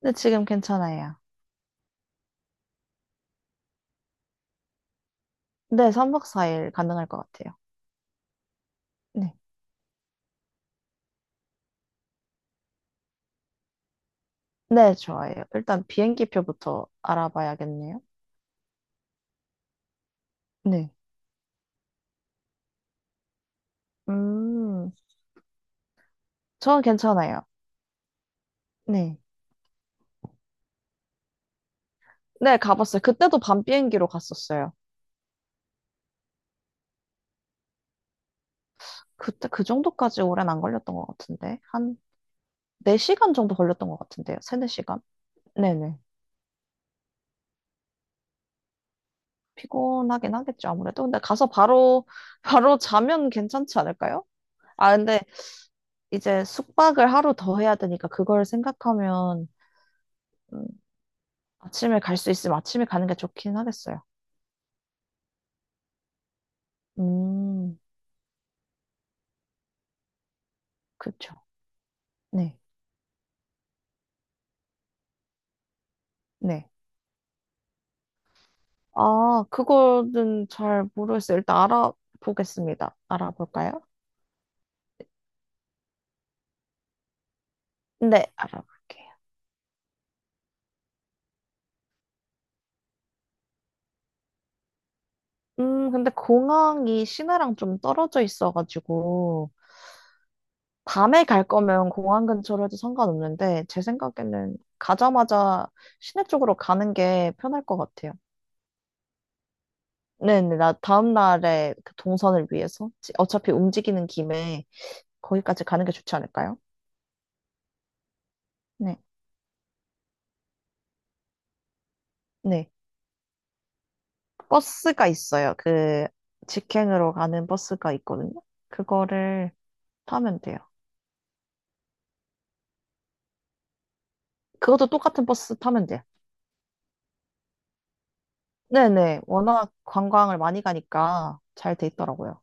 네, 지금 괜찮아요. 네, 3박 4일 가능할 것 같아요. 네. 네, 좋아요. 일단 비행기표부터 알아봐야겠네요. 네. 음, 저는 괜찮아요. 네. 네, 가봤어요. 그때도 밤 비행기로 갔었어요. 그때 그 정도까지 오랜 안 걸렸던 것 같은데. 한 4시간 정도 걸렸던 것 같은데요. 3, 4시간? 네네. 피곤하긴 하겠죠, 아무래도. 근데 가서 바로, 바로 자면 괜찮지 않을까요? 아, 근데 이제 숙박을 하루 더 해야 되니까 그걸 생각하면 음, 아침에 갈 수 있으면 아침에 가는 게 좋긴 하겠어요. 음, 그쵸. 네, 네. 아, 그거는 잘 모르겠어요. 일단 알아보겠습니다. 알아볼까요? 네, 알아볼게요. 근데 공항이 시내랑 좀 떨어져 있어가지고, 밤에 갈 거면 공항 근처로 해도 상관없는데, 제 생각에는 가자마자 시내 쪽으로 가는 게 편할 것 같아요. 네네, 나 다음 날에 그 동선을 위해서 어차피 움직이는 김에 거기까지 가는 게 좋지 않을까요? 네. 네. 버스가 있어요. 그 직행으로 가는 버스가 있거든요. 그거를 타면 돼요. 그것도 똑같은 버스 타면 돼요. 네네. 워낙 관광을 많이 가니까 잘 돼 있더라고요.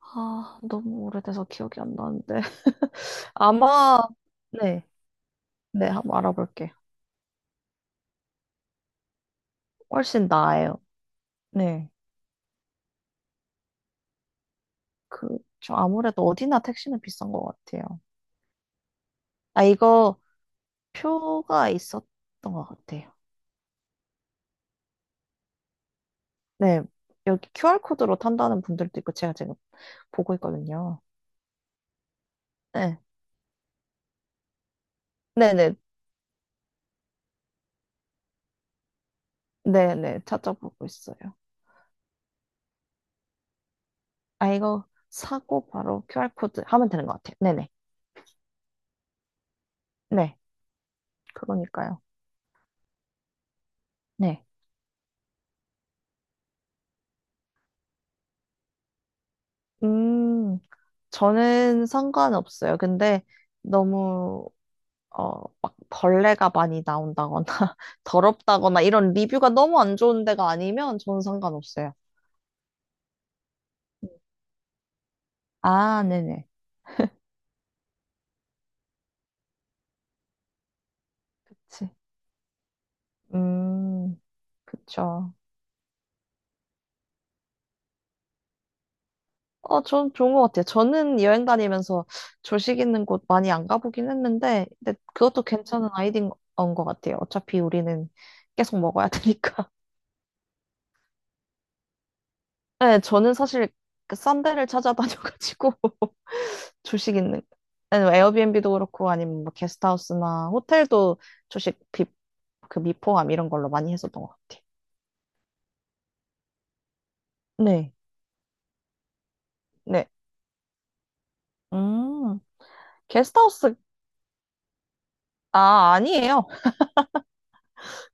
아, 너무 오래돼서 기억이 안 나는데. 아마, 네. 네, 한번 알아볼게요. 훨씬 나아요. 네. 그, 저 아무래도 어디나 택시는 비싼 것 같아요. 아, 이거 표가 있었던 것 같아요. 네. 여기 QR코드로 탄다는 분들도 있고, 제가 지금 보고 있거든요. 네. 네네, 네네, 찾아보고 있어요. 아, 이거 사고 바로 QR코드 하면 되는 것 같아요. 네네, 네, 그러니까요. 네. 음, 저는 상관없어요. 근데 너무, 막 벌레가 많이 나온다거나 더럽다거나 이런 리뷰가 너무 안 좋은 데가 아니면 저는 상관없어요. 아, 네네. 그치. 음, 그쵸. 어, 전 좋은 것 같아요. 저는 여행 다니면서 조식 있는 곳 많이 안 가보긴 했는데, 근데 그것도 괜찮은 아이디어인 것 같아요. 어차피 우리는 계속 먹어야 되니까. 네, 저는 사실 그 싼 데를 찾아다녀가지고 조식 있는, 아니, 뭐 에어비앤비도 그렇고, 아니면 뭐 게스트하우스나 호텔도 조식 비, 그 미포함 이런 걸로 많이 했었던 것 같아요. 네, 네. 음, 게스트하우스, 아, 아니에요.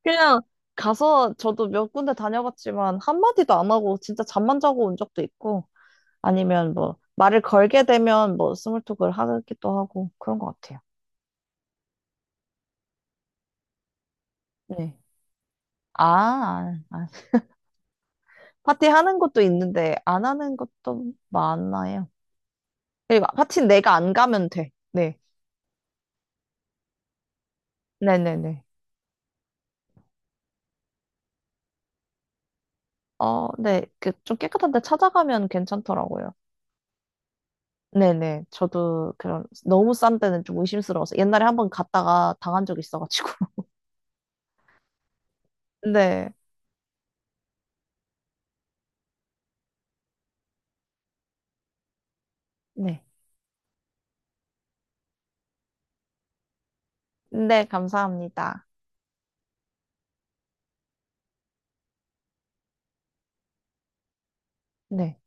그냥 가서 저도 몇 군데 다녀봤지만 한마디도 안 하고 진짜 잠만 자고 온 적도 있고 아니면 뭐 말을 걸게 되면 뭐 스몰톡을 하기도 하고 그런 것 같아요. 네. 아, 아, 파티 하는 것도 있는데 안 하는 것도 많아요. 그리고 파티는 내가 안 가면 돼. 네. 네네네. 어, 네. 그 좀 깨끗한 데 찾아가면 괜찮더라고요. 네네. 저도 그런 너무 싼 데는 좀 의심스러워서 옛날에 한 번 갔다가 당한 적이 있어가지고. 네. 네. 네, 감사합니다. 네.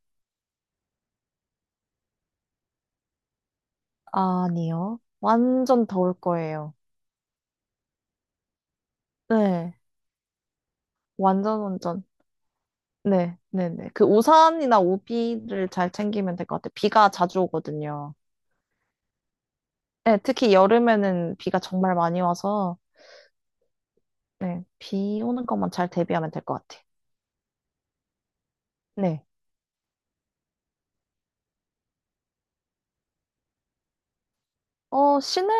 아니요. 완전 더울 거예요. 네, 완전 완전. 네, 네, 네. 그 우산이나 우비를 잘 챙기면 될 것 같아요. 비가 자주 오거든요. 네, 특히 여름에는 비가 정말 많이 와서 네, 비 오는 것만 잘 대비하면 될 것 같아요. 네. 어, 시내,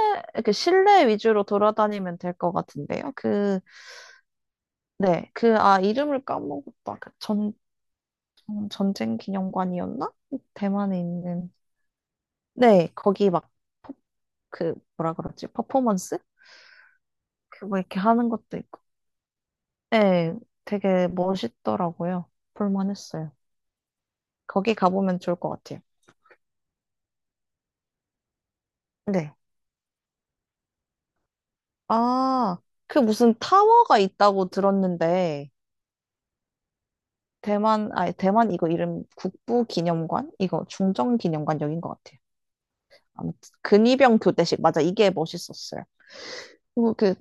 그 실내 위주로 돌아다니면 될 것 같은데요. 그, 네, 그, 아, 이름을 까먹었다. 전쟁 기념관이었나? 대만에 있는. 네, 거기 막, 퍼- 그, 뭐라 그러지? 퍼포먼스? 그거 이렇게 하는 것도 있고. 네, 되게 멋있더라고요. 볼만했어요. 거기 가보면 좋을 것 같아요. 네. 아, 그 무슨 타워가 있다고 들었는데, 대만, 아니, 대만 이거 이름 국부기념관? 이거 중정기념관 여긴 것 같아요. 아무튼, 근위병 교대식. 맞아, 이게 멋있었어요. 그리고 그,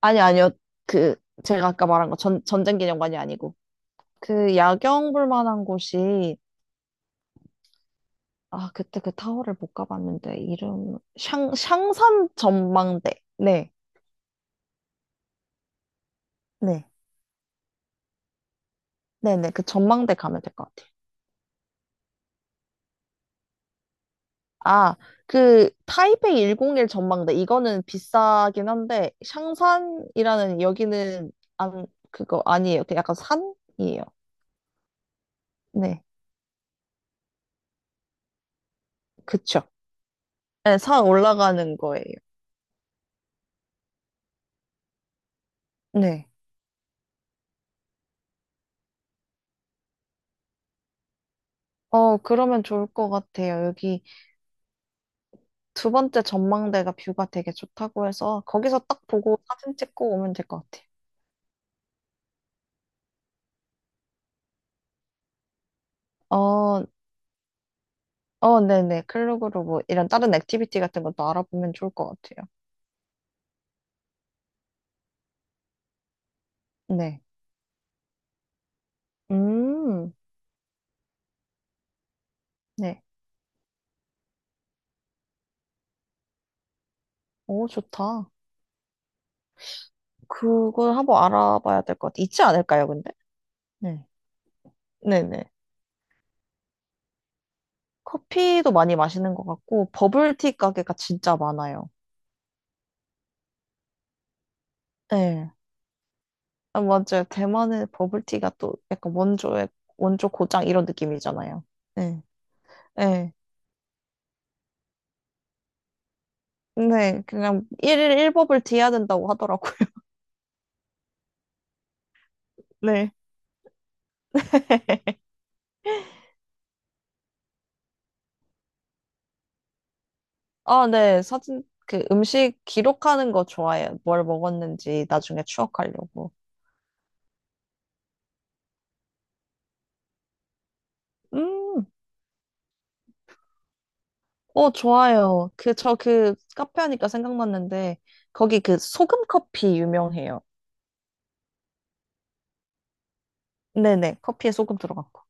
아니, 아니요. 그, 제가 아까 말한 거 전쟁기념관이 아니고, 그 야경 볼 만한 곳이 아, 그때 그 타워를 못 가봤는데, 샹산 전망대. 네, 네. 네네, 그 전망대 가면 될 것 같아요. 아, 그 타이베이 101 전망대. 이거는 비싸긴 한데, 샹산이라는 여기는 안, 그거 아니에요. 그 약간 산이에요. 네, 그쵸. 네, 산 올라가는 거예요. 네. 어, 그러면 좋을 것 같아요. 여기 두 번째 전망대가 뷰가 되게 좋다고 해서 거기서 딱 보고 사진 찍고 오면 될 것 같아요. 어, 어, 네네. 클로그로 뭐 이런 다른 액티비티 같은 것도 알아보면 좋을 것 같아요. 네. 음, 네. 오, 좋다. 그걸 한번 알아봐야 될 것 같아. 있지 않을까요, 근데? 네. 네네. 커피도 많이 마시는 것 같고, 버블티 가게가 진짜 많아요. 네. 아, 맞아요. 대만의 버블티가 또 약간 원조의, 원조 고장 이런 느낌이잖아요. 네. 네. 네. 그냥 일일일버블티 해야 된다고 하더라고요. 네. 아, 네. 사진, 그 음식 기록하는 거 좋아해요. 뭘 먹었는지 나중에 추억하려고. 음, 어, 좋아요. 그, 저 그 카페 하니까 생각났는데, 거기 그 소금 커피 유명해요. 네네. 커피에 소금 들어갔고.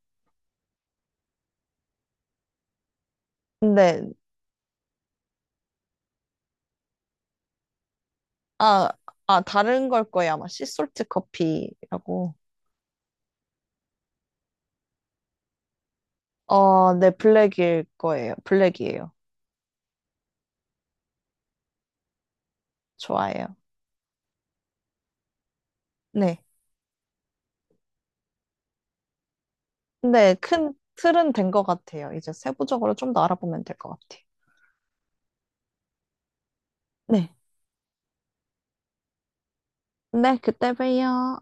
근데, 아, 아, 다른 걸 거예요. 아마 씨솔트 커피라고. 어, 네. 블랙일 거예요. 블랙이에요. 좋아해요. 네. 근데 큰 틀은 된 것 같아요. 이제 세부적으로 좀 더 알아보면 될 것 같아요. 네. 네, 그때 봬요.